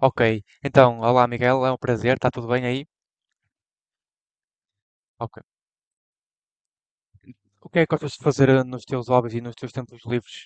Ok, então, olá Miguel, é um prazer, está tudo bem aí? Ok. O que é que gostas de fazer nos teus hobbies e nos teus tempos livres?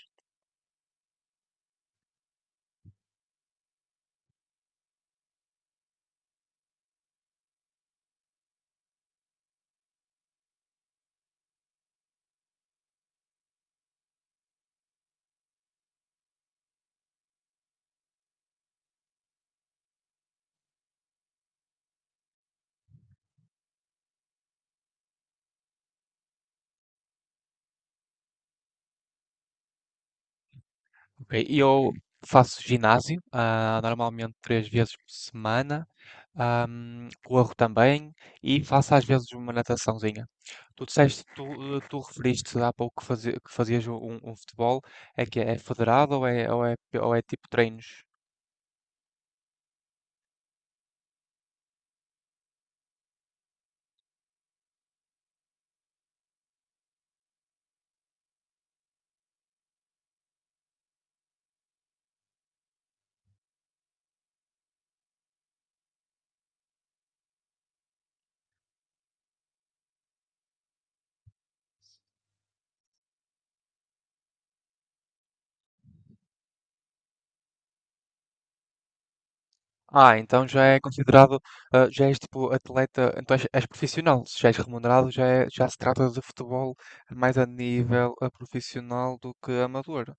Ok, eu faço ginásio, normalmente três vezes por semana, corro também e faço às vezes uma nataçãozinha. Tu disseste, tu, eh, tu referiste há pouco que, fazias um futebol, é que é federado ou é tipo treinos? Ah, então já é considerado, ah, já és tipo atleta, então és profissional, se já és remunerado, já, já se trata de futebol mais a nível profissional do que amador.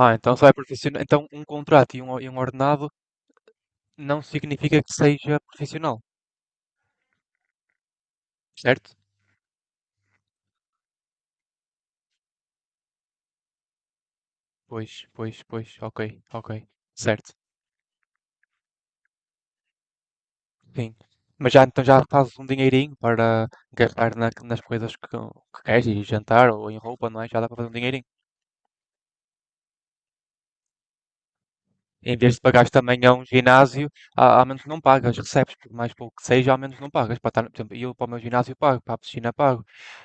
Ah, então só é profissional. Então um contrato e um ordenado não significa que seja profissional, certo? Pois, pois, pois, ok, ok, certo. Sim. Mas já então já fazes um dinheirinho para gastar nas coisas que queres e jantar ou em roupa, não é? Já dá para fazer um dinheirinho. Em vez de pagares também a um ginásio, ao menos não pagas, recebes, por mais pouco que seja, ao menos não pagas. Para estar, por exemplo, eu para o meu ginásio pago, para a piscina pago,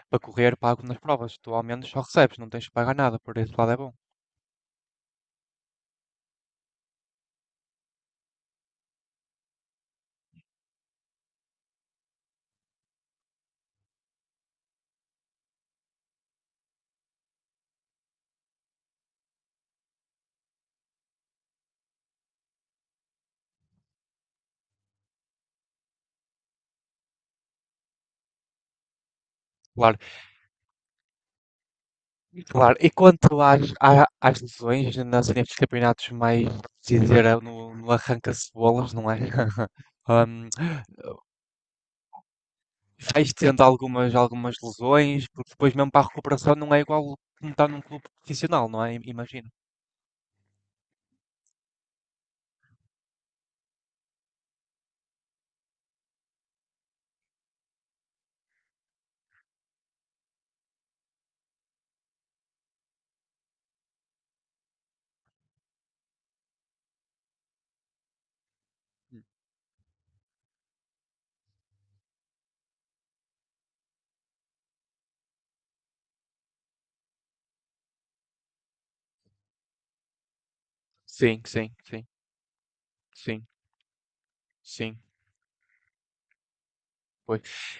para correr pago nas provas. Tu ao menos só recebes, não tens de pagar nada, por esse lado é bom. Claro, claro. E quanto às, às lesões nas, nestes campeonatos mais, se dizer, no, no arranca-cebolas, não é? Ahm, vais tendo algumas, algumas lesões, porque depois mesmo para a recuperação não é igual como estar num clube profissional, não é? Imagino. Sim, sim, sim, sim, sim. Pois.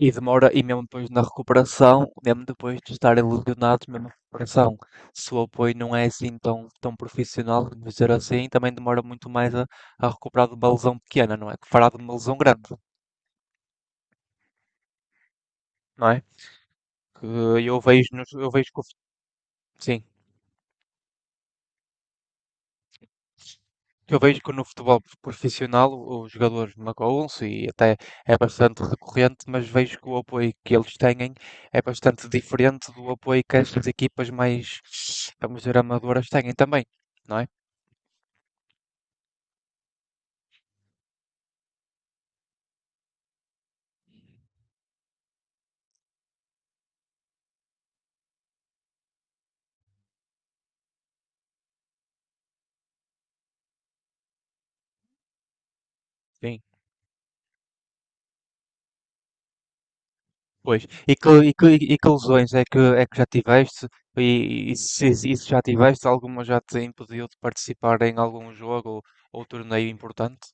E demora, e mesmo depois na recuperação, mesmo depois de estarem lesionados, mesmo a recuperação, se o apoio não é assim tão, tão profissional, vamos dizer assim, também demora muito mais a recuperar de uma lesão pequena, não é? Que fará de uma lesão grande, não é? Que eu vejo, eu vejo que o sim. Eu vejo que no futebol profissional os jogadores magoam-se e até é bastante recorrente, mas vejo que o apoio que eles têm é bastante diferente do apoio que estas equipas mais, vamos dizer, amadoras têm também, não é? Sim, pois. E que, e que, e que lesões é que já tiveste? E se, se já tiveste, alguma já te impediu de participar em algum jogo ou torneio importante?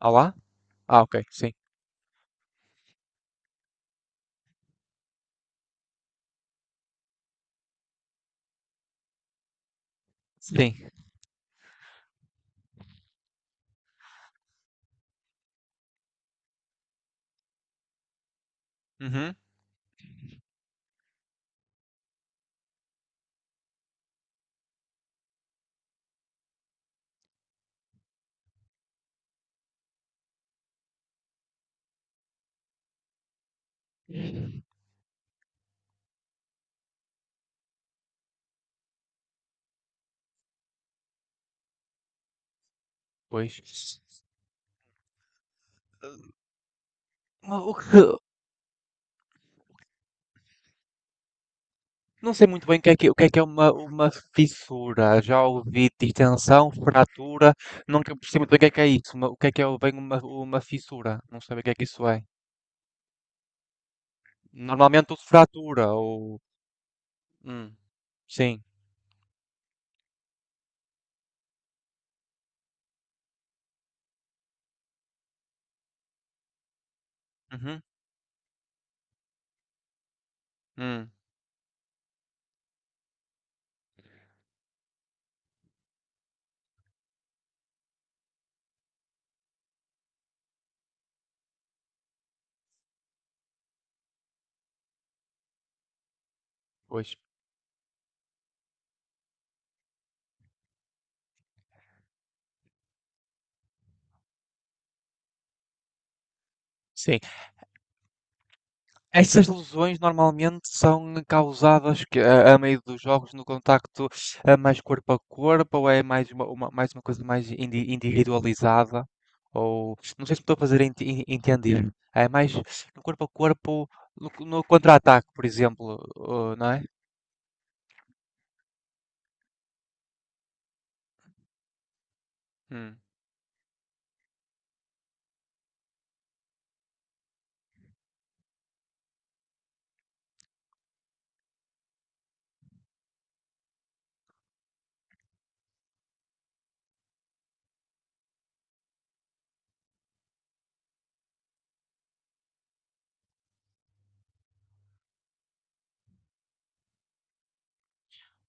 Ah lá? Ah, ok, sim. Sim. Uhum, pois. O que, não sei muito bem o que é que, o que é uma fissura. Já ouvi distensão, fratura. Nunca percebi muito bem o que é isso. O que é bem uma fissura? Não sei bem o que é que isso é. Normalmente uso fratura ou. Hum, sim. Uhum. Hum, pois. Sim. Essas lesões normalmente são causadas a meio dos jogos no contacto mais corpo a corpo ou é mais uma, mais uma coisa mais individualizada? Ou não sei se me estou a fazer entender. É mais no corpo a corpo, no, no contra-ataque, por exemplo, não é? Hum,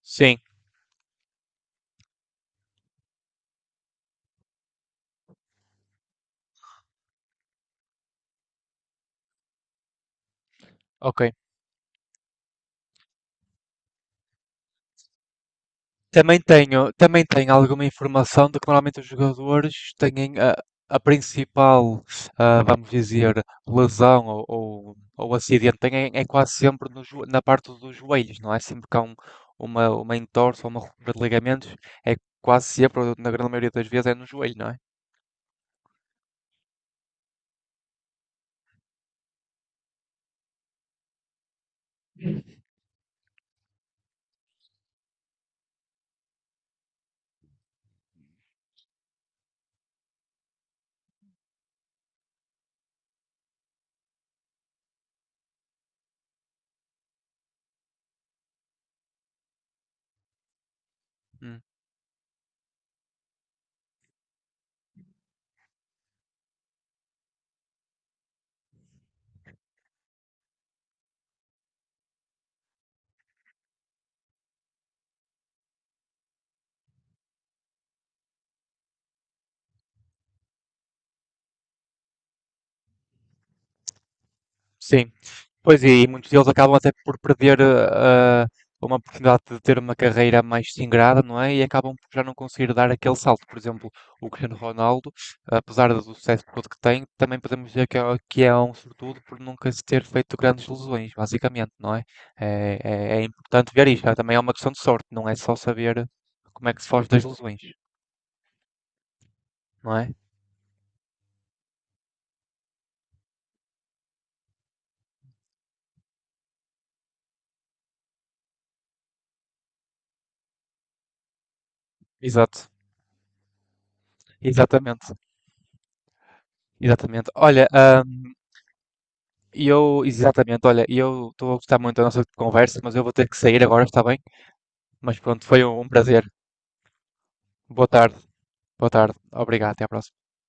Sim, ok. Também tenho alguma informação de que normalmente os jogadores têm a principal, vamos dizer, lesão ou acidente, têm, é quase sempre no na parte dos joelhos, não é? Sempre que há uma entorse ou uma ruptura de ligamentos, é quase sempre, ou na grande maioria das vezes, é no joelho, não é? Uhum. Sim. Pois é, e muitos deles acabam até por perder uma oportunidade de ter uma carreira mais singrada, não é? E acabam por já não conseguir dar aquele salto. Por exemplo, o Cristiano Ronaldo, apesar do sucesso todo que tem, também podemos dizer que é um sortudo por nunca se ter feito grandes lesões, basicamente, não é? É, é importante ver isto. Também é uma questão de sorte, não é só saber como é que se foge das lesões, não é? Exato. Exatamente. Exatamente. Olha, E eu estou a gostar muito da nossa conversa, mas eu vou ter que sair agora, está bem? Mas pronto, foi um prazer. Boa tarde, boa tarde. Obrigado, até à próxima.